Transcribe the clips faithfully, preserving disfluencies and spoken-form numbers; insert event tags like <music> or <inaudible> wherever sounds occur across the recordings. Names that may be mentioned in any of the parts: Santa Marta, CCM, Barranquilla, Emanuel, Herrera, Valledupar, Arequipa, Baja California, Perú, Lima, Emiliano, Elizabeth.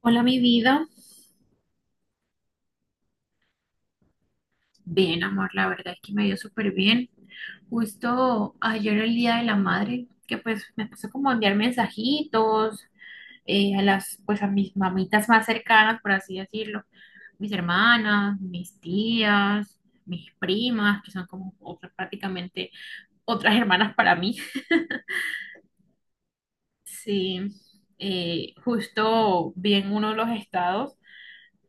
Hola, mi vida. Bien, amor, la verdad es que me dio súper bien. Justo ayer el Día de la Madre, que pues me puse como a enviar mensajitos eh, a las, pues a mis mamitas más cercanas, por así decirlo. Mis hermanas, mis tías, mis primas, que son como otras, prácticamente otras hermanas para mí. Sí, eh, justo vi en uno de los estados.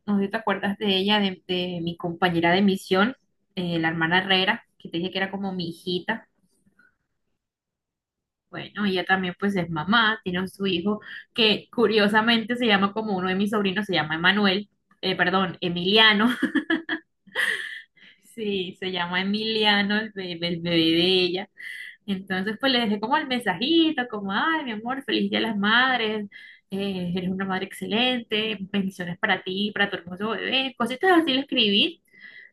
No sé si te acuerdas de ella, de, de mi compañera de misión, eh, la hermana Herrera, que te dije que era como mi hijita. Bueno, ella también pues es mamá, tiene su hijo que curiosamente se llama como uno de mis sobrinos, se llama Emanuel, eh, perdón, Emiliano. <laughs> Sí, se llama Emiliano, el bebé, el bebé de ella. Entonces pues le dejé como el mensajito, como, ay, mi amor, feliz Día de las Madres, eh, eres una madre excelente, bendiciones para ti, para tu hermoso bebé, cositas así le escribí.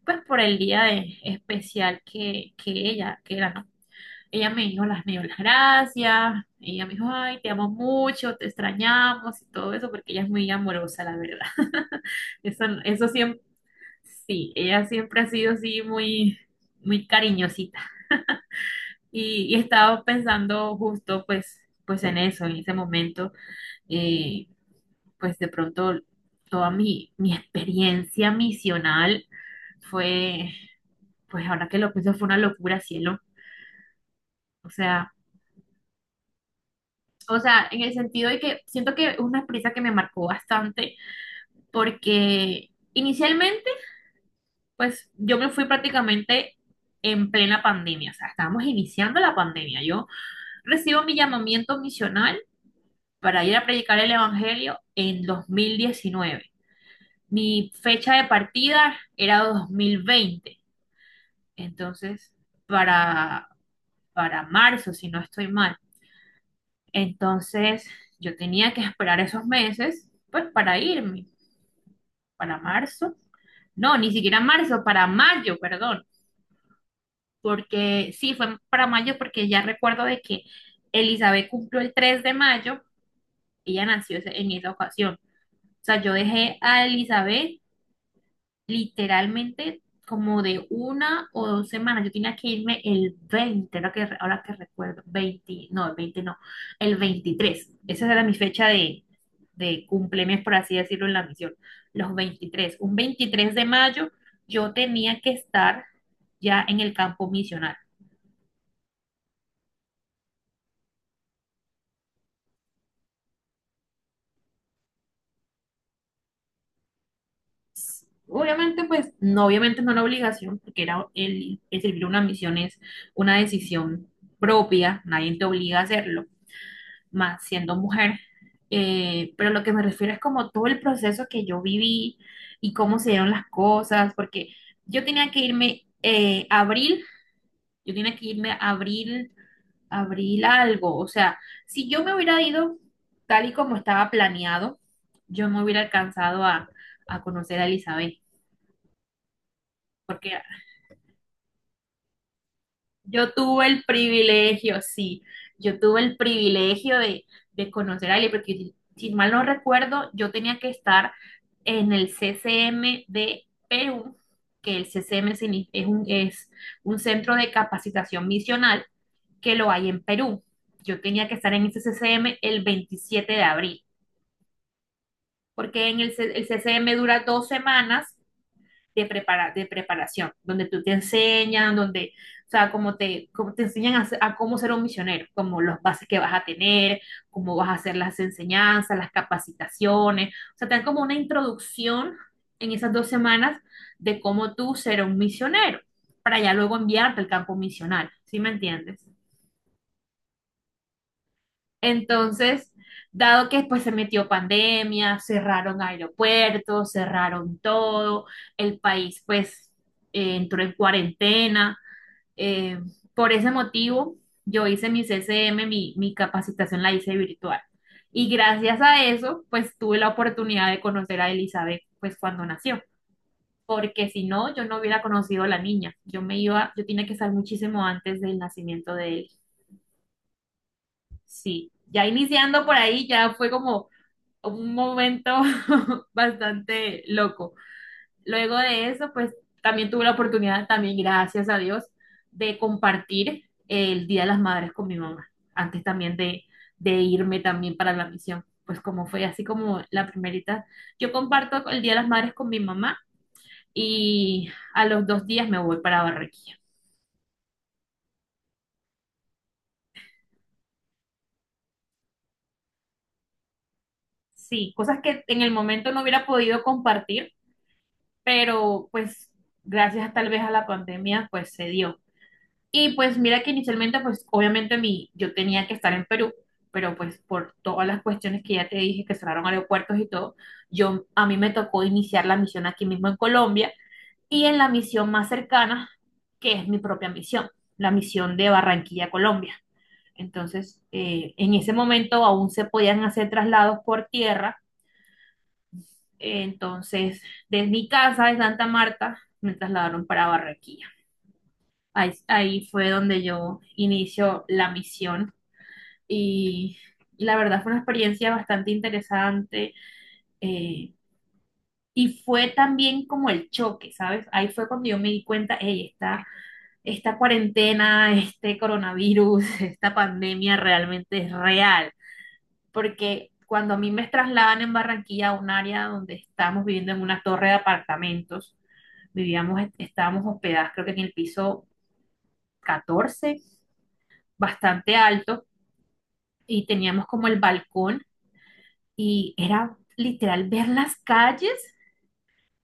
Pues por el día eh, especial que, que ella, que era, ¿no? Ella me dijo las, me dio las gracias, ella me dijo, ay, te amo mucho, te extrañamos y todo eso, porque ella es muy amorosa, la verdad. <laughs> Eso, eso siempre. Sí, ella siempre ha sido así muy, muy cariñosita. Y, y estaba pensando justo pues, pues en eso, en ese momento, eh, pues de pronto toda mi, mi experiencia misional fue pues ahora que lo pienso fue una locura, cielo. O sea, o sea, en el sentido de que siento que es una experiencia que me marcó bastante porque inicialmente, pues yo me fui prácticamente en plena pandemia, o sea, estábamos iniciando la pandemia. Yo recibo mi llamamiento misional para ir a predicar el Evangelio en dos mil diecinueve. Mi fecha de partida era dos mil veinte. Entonces para, para marzo, si no estoy mal. Entonces yo tenía que esperar esos meses, pues para irme, para marzo. No, ni siquiera marzo, para mayo, perdón. Porque sí, fue para mayo porque ya recuerdo de que Elizabeth cumplió el tres de mayo, ella nació ese- en esa ocasión. O sea, yo dejé a Elizabeth literalmente como de una o dos semanas. Yo tenía que irme el veinte, ahora que, ahora que recuerdo, veinte no, el veinte no, el veintitrés. Esa era mi fecha de, de cumpleaños, por así decirlo, en la misión. Los veintitrés. Un veintitrés de mayo yo tenía que estar ya en el campo misional. Obviamente, pues, no, obviamente no una obligación, porque era el, el servir una misión es una decisión propia, nadie te obliga a hacerlo más siendo mujer. Eh, pero lo que me refiero es como todo el proceso que yo viví y cómo se dieron las cosas, porque yo tenía que irme eh, abril, yo tenía que irme abril, abril algo, o sea, si yo me hubiera ido tal y como estaba planeado, yo no hubiera alcanzado a, a conocer a Elizabeth. Porque Yo tuve el privilegio, sí, yo tuve el privilegio de, de conocer a Ali, porque si si mal no recuerdo, yo tenía que estar en el C C M de Perú, que el C C M signi- es un, es un centro de capacitación misional que lo hay en Perú. Yo tenía que estar en ese C C M el veintisiete de abril, porque en el, C- el C C M dura dos semanas de, prepara de preparación, donde tú te enseñan, donde, o sea, como te, como te enseñan a, a, cómo ser un misionero, como los bases que vas a tener, cómo vas a hacer las enseñanzas, las capacitaciones. O sea, te dan como una introducción en esas dos semanas de cómo tú ser un misionero, para ya luego enviarte al campo misional, ¿sí me entiendes? Entonces, dado que después se metió pandemia, cerraron aeropuertos, cerraron todo, el país pues eh, entró en cuarentena. eh, por ese motivo, yo hice mi C C M, mi, mi capacitación la hice virtual. Y gracias a eso, pues tuve la oportunidad de conocer a Elizabeth pues cuando nació. Porque si no, yo no hubiera conocido a la niña. Yo me iba, yo tenía que estar muchísimo antes del nacimiento de él. Sí, ya iniciando por ahí, ya fue como un momento <laughs> bastante loco. Luego de eso, pues también tuve la oportunidad, también gracias a Dios, de compartir el Día de las Madres con mi mamá, antes también de, de irme también para la misión. Pues como fue así como la primerita, yo comparto el Día de las Madres con mi mamá y a los dos días me voy para Barranquilla. Sí, cosas que en el momento no hubiera podido compartir, pero pues gracias tal vez a la pandemia, pues se dio. Y pues mira que inicialmente, pues obviamente mi, yo tenía que estar en Perú, pero pues por todas las cuestiones que ya te dije, que cerraron aeropuertos y todo, yo a mí me tocó iniciar la misión aquí mismo en Colombia y en la misión más cercana, que es mi propia misión, la misión de Barranquilla, Colombia. Entonces, eh, en ese momento aún se podían hacer traslados por tierra. Eh, entonces desde mi casa de Santa Marta me trasladaron para Barranquilla. Ahí, ahí fue donde yo inicio la misión y la verdad fue una experiencia bastante interesante. eh, y fue también como el choque, ¿sabes? Ahí fue cuando yo me di cuenta, hey, esta, esta cuarentena, este coronavirus, <laughs> esta pandemia realmente es real, porque cuando a mí me trasladan en Barranquilla a un área donde estábamos viviendo en una torre de apartamentos, vivíamos, estábamos hospedadas creo que en el piso catorce, bastante alto, y teníamos como el balcón y era literal ver las calles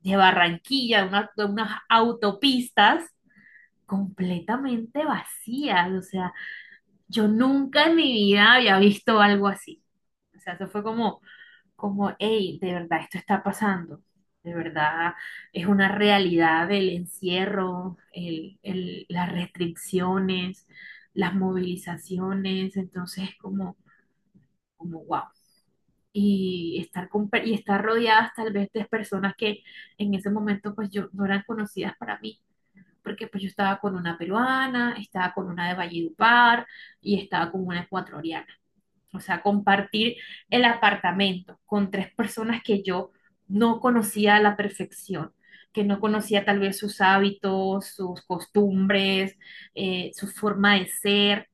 de Barranquilla, una- de unas autopistas completamente vacías. O sea, yo nunca en mi vida había visto algo así. O sea, eso fue como, como, hey, de verdad esto está pasando. De verdad es una realidad el encierro, el- el- las restricciones, las movilizaciones. Entonces, como, como, wow. Y estar, con per- y estar rodeadas tal vez de personas que en ese momento pues yo no eran conocidas para mí, porque pues yo estaba con una peruana, estaba con una de Valledupar y estaba con una ecuatoriana. O sea, compartir el apartamento con tres personas que yo no conocía a la perfección, que no conocía tal vez sus hábitos, sus costumbres, eh, su forma de ser.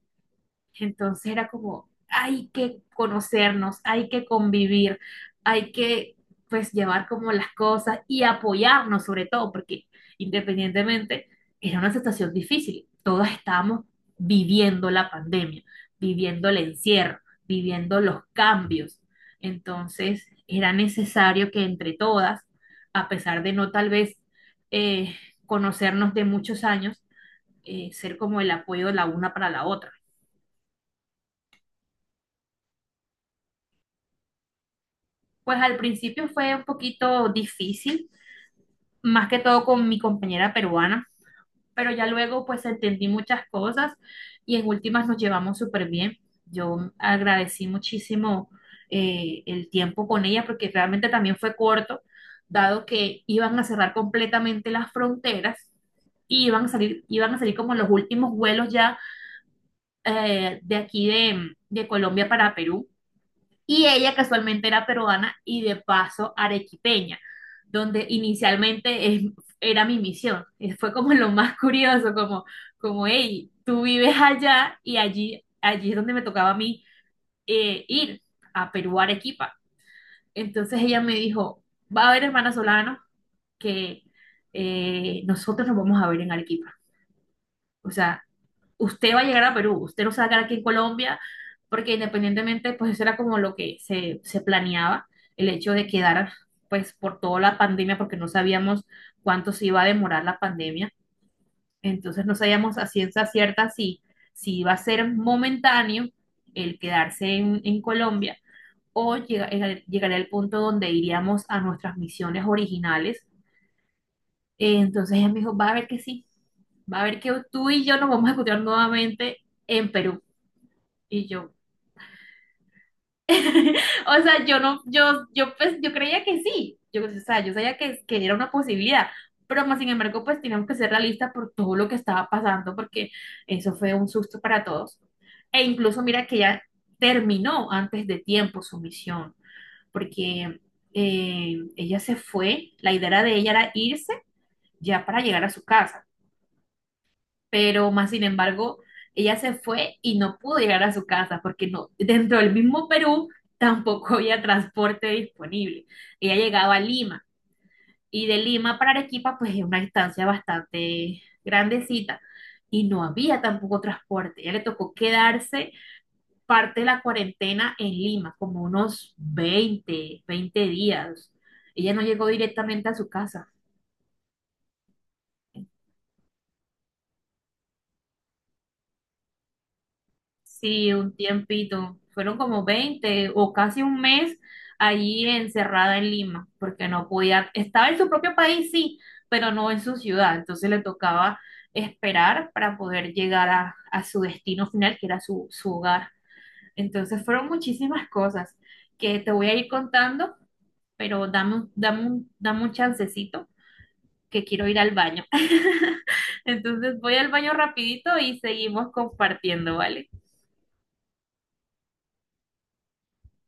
Entonces era como, hay que conocernos, hay que convivir, hay que pues llevar como las cosas y apoyarnos sobre todo, porque independientemente era una situación difícil. Todas estábamos viviendo la pandemia, viviendo el encierro, viviendo los cambios. Entonces era necesario que entre todas, a pesar de no tal vez eh, conocernos de muchos años, eh, ser como el apoyo la una para la otra. Pues al principio fue un poquito difícil, más que todo con mi compañera peruana, pero ya luego pues entendí muchas cosas y en últimas nos llevamos súper bien. Yo agradecí muchísimo eh, el tiempo con ella porque realmente también fue corto, dado que iban a cerrar completamente las fronteras y iban a salir, iban a salir como los últimos vuelos ya eh, de aquí de, de Colombia para Perú. Y ella casualmente era peruana y de paso arequipeña, donde inicialmente es- era mi misión. Y Fue como lo más curioso, como, como, hey, tú vives allá y allí, allí es donde me tocaba a mí eh, ir a Perú, a Arequipa. Entonces ella me dijo, va a haber hermana Solano que eh, nosotros nos vamos a ver en Arequipa. O sea, usted va a llegar a Perú, usted no se va a quedar aquí en Colombia, porque independientemente, pues eso era como lo que se, se planeaba, el hecho de quedar, pues por toda la pandemia, porque no sabíamos cuánto se iba a demorar la pandemia, entonces no sabíamos a ciencia cierta si, si iba a ser momentáneo el quedarse en, en Colombia o llega- eh, llegaría al punto donde iríamos a nuestras misiones originales. Eh, Entonces ella me dijo, va a ver que sí, va a ver que tú y yo nos vamos a encontrar nuevamente en Perú. Y yo, <laughs> o sea, yo no, yo, yo pues, yo creía que sí, yo, o sea, yo sabía que, que era una posibilidad, pero más sin embargo, pues teníamos que ser realistas por todo lo que estaba pasando, porque eso fue un susto para todos. E incluso mira que ella terminó antes de tiempo su misión, porque eh, ella se fue, la idea de ella era irse ya para llegar a su casa. Pero más sin embargo, ella se fue y no pudo llegar a su casa porque no, dentro del mismo Perú tampoco <laughs> había transporte disponible. Ella llegaba a Lima y de Lima para Arequipa pues es una distancia bastante grandecita y no había tampoco transporte. Ella le tocó quedarse parte de la cuarentena en Lima, como unos veinte veinte días. Ella no llegó directamente a su casa. Sí, un tiempito. Fueron como veinte o casi un mes allí encerrada en Lima, porque no podía, estaba en su propio país, sí, pero no en su ciudad. Entonces le tocaba esperar para poder llegar a, a su destino final, que era su, su hogar. Entonces fueron muchísimas cosas que te voy a ir contando, pero dame, un- dame, un- dame un chancecito que quiero ir al baño. <laughs> Entonces voy al baño rapidito y seguimos compartiendo, ¿vale?